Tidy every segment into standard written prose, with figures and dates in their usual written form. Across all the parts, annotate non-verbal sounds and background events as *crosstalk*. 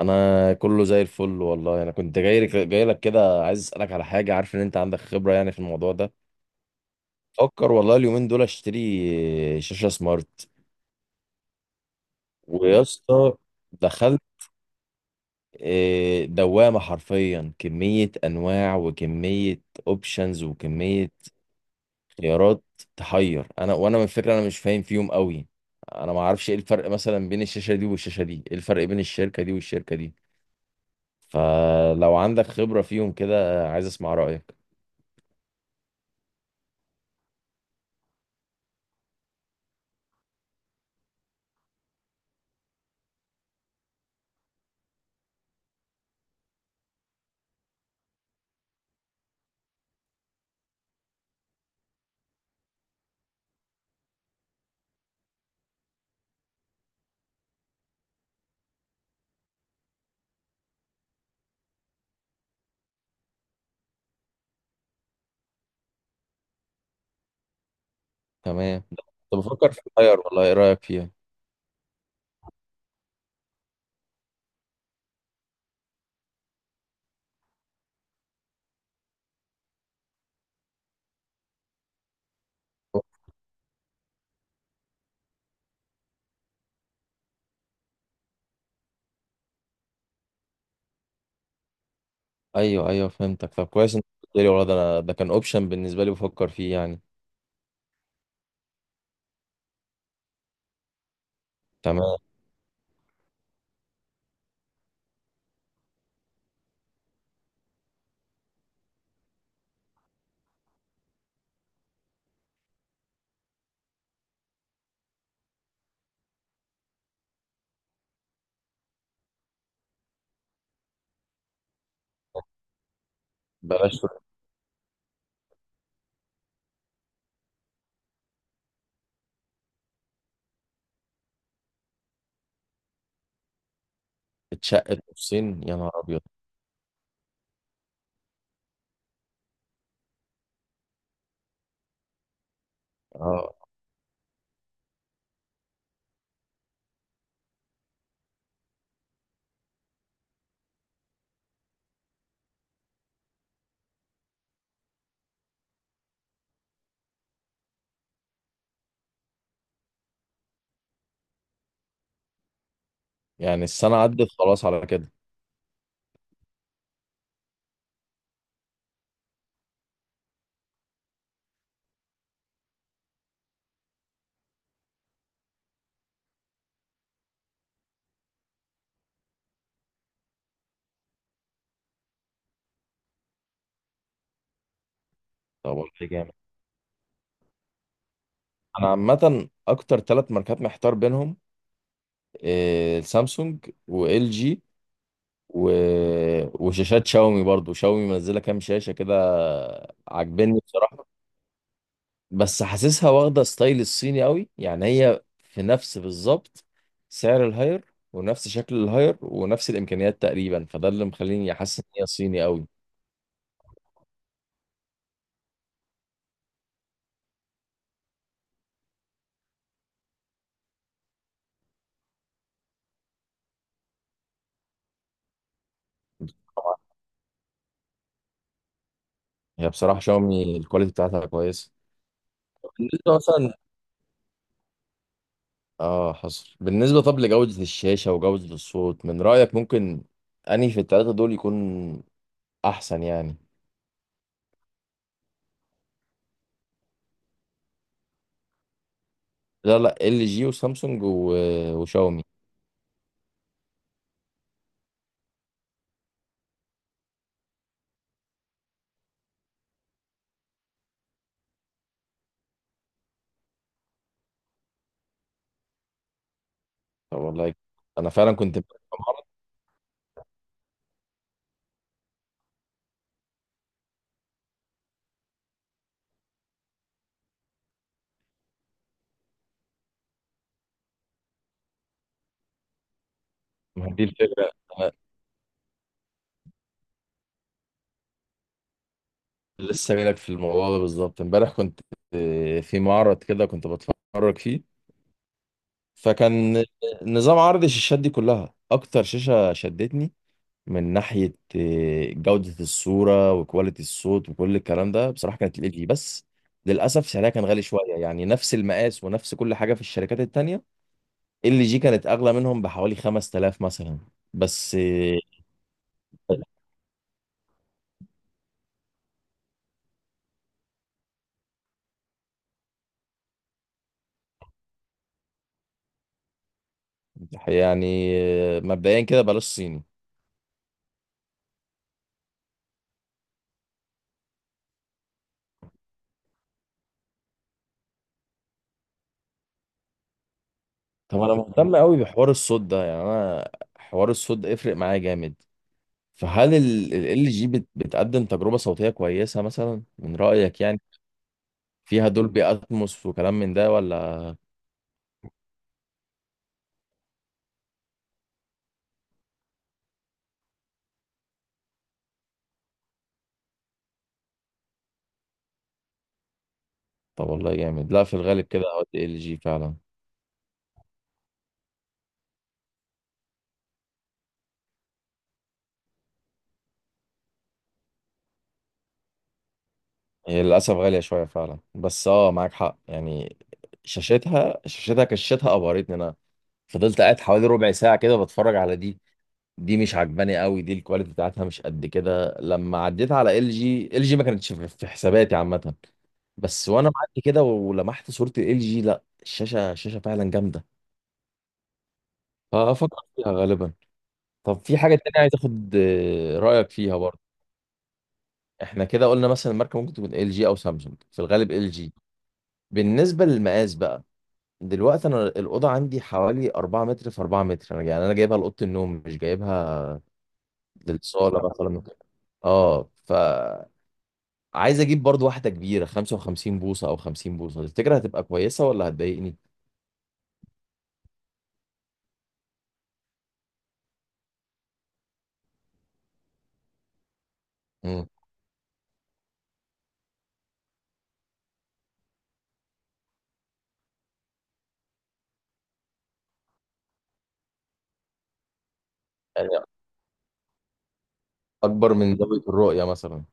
انا كله زي الفل والله. انا كنت جاي لك كده، عايز اسالك على حاجه. عارف ان انت عندك خبره يعني في الموضوع ده. فكر والله اليومين دول اشتري شاشه سمارت، ويا اسطى دخلت. إيه، دوامه حرفيا، كميه انواع وكميه اوبشنز وكميه خيارات، تحير. انا من فكره انا مش فاهم فيهم قوي. انا ما اعرفش ايه الفرق مثلا بين الشاشه دي والشاشه دي، ايه الفرق بين الشركه دي والشركه دي. فلو عندك خبره فيهم كده عايز اسمع رايك. تمام. كنت بفكر في الطير والله، ايه رأيك فيها؟ ايوه ايوه فهمتك. طب كويس انت قلت لي والله، ده انا ده كان اوبشن بالنسبة لي بفكر فيه يعني. تمام. بلاش. اتشقت نصين يا نهار ابيض! اه يعني السنة عدت خلاص على كده. طب والله جامد. انا عامة اكتر ثلاث ماركات محتار بينهم. إيه، سامسونج وال جي و... وشاشات شاومي برضو. شاومي منزلة كام شاشة كده. عاجبني بصراحة. بس حاسسها واخدة ستايل الصيني قوي، يعني هي في نفس بالظبط سعر الهاير ونفس شكل الهاير ونفس الإمكانيات تقريبا، فده اللي مخليني حاسس إن هي صيني قوي. هي بصراحة شاومي الكواليتي بتاعتها كويسة. بالنسبة مثلا، اه حصل. بالنسبة طب لجودة الشاشة وجودة الصوت، من رأيك، ممكن أنهي في التلاتة دول يكون أحسن يعني؟ لا لا، ال جي وسامسونج و... وشاومي. طب والله. أنا فعلا كنت مرة. ما هي دي الفكرة. لسه جايلك في الموضوع ده بالظبط. امبارح كنت في معرض كده كنت بتفرج فيه. فكان نظام عرض الشاشات دي كلها، اكتر شاشة شدتني من ناحية جودة الصورة وكواليتي الصوت وكل الكلام ده بصراحة كانت ال جي. بس للأسف سعرها كان غالي شوية، يعني نفس المقاس ونفس كل حاجة في الشركات التانية، ال جي كانت أغلى منهم بحوالي 5000 مثلا. بس يعني مبدئيا كده بلاش صيني. طب انا مهتم قوي بحوار الصوت ده، يعني انا حوار الصوت ده يفرق معايا جامد. فهل ال جي بتقدم تجربة صوتية كويسة مثلا من رأيك يعني؟ فيها دولبي اتموس وكلام من ده ولا؟ طب والله جامد. لا في الغالب كده ال جي فعلا. هي للاسف غالية شوية فعلا، بس اه معاك حق يعني. شاشتها كشتها ابهرتني. انا فضلت قاعد حوالي ربع ساعة كده بتفرج على دي. دي مش عجباني قوي، دي الكواليتي بتاعتها مش قد كده. لما عديت على ال جي، ما كانتش في حساباتي عامة. بس وانا معدي كده ولمحت صورة ال جي، لا الشاشة الشاشة فعلا جامدة. ففكرت فيها غالبا. طب في حاجة تانية عايز اخد رأيك فيها برضه. احنا كده قلنا مثلا الماركة ممكن تكون ال جي او سامسونج، في الغالب ال جي. بالنسبة للمقاس بقى، دلوقتي انا الأوضة عندي حوالي 4 متر في 4 متر. انا يعني انا جايبها لأوضة النوم، مش جايبها للصاله مثلا وكده. اه فعايز اجيب برضو واحده كبيره، 55 بوصه او 50 بوصه، تفتكر هتبقى كويسه ولا هتضايقني؟ مم. يعني اكبر من زاويه الرؤيه مثلا.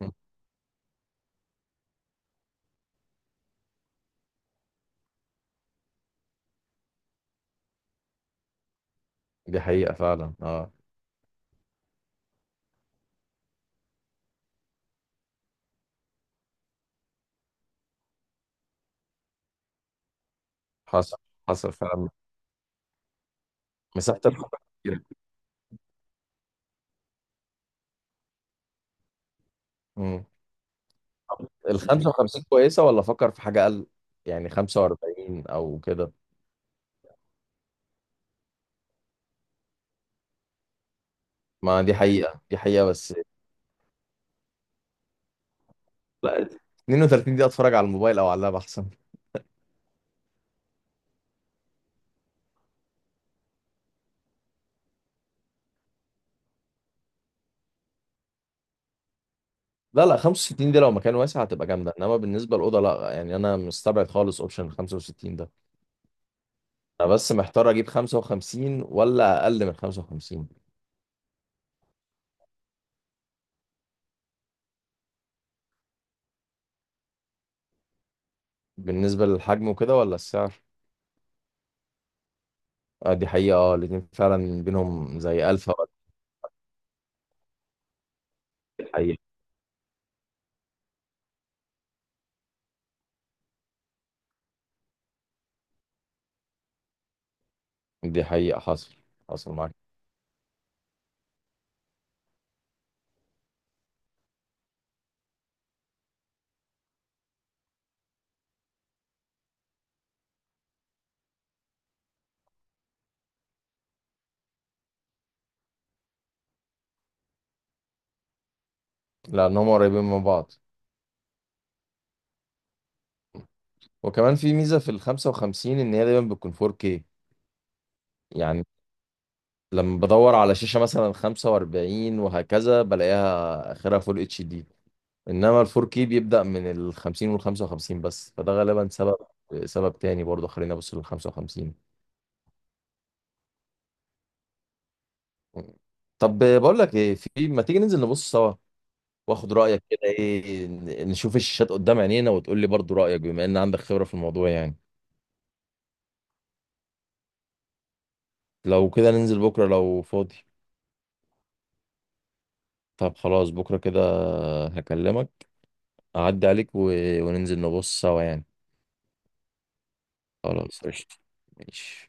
مم. دي حقيقه فعلا اه. حصل. حصل فعلا. مساحه *laughs* مم. ال 55 كويسه ولا افكر في حاجه اقل، يعني 45 او كده؟ ما دي حقيقه دي حقيقه بس. لا. 32 دي اتفرج على الموبايل او على اللاب احسن. لا لا، 65 دي لو مكان واسع هتبقى جامده، انما بالنسبه للاوضه لا، يعني انا مستبعد خالص اوبشن 65 ده. انا بس محتار اجيب 55 ولا اقل من 55. بالنسبه للحجم وكده ولا السعر؟ آه دي حقيقه اه، الاتنين فعلا بينهم زي الف فرق. دي حقيقه. دي حقيقه. حصل. حصل معاك. لان هم قريبين من بعض. وكمان في ميزه في ال 55 ان هي دايما بتكون 4K. يعني لما بدور على شاشه مثلا 45 وهكذا بلاقيها اخرها فول اتش دي، انما الفور كي بيبدأ من ال 50 وال 55 بس. فده غالبا سبب تاني برضه. خلينا ابص لل 55. طب بقول لك ايه، في ما تيجي ننزل نبص سوا واخد رأيك كده، ايه نشوف الشاشات قدام عينينا، وتقول لي برضه رأيك بما ان عندك خبرة في الموضوع يعني. لو كده ننزل بكرة لو فاضي. طب خلاص بكرة كده، هكلمك، اعدي عليك و... وننزل نبص سوا يعني. خلاص قشطة. ماشي.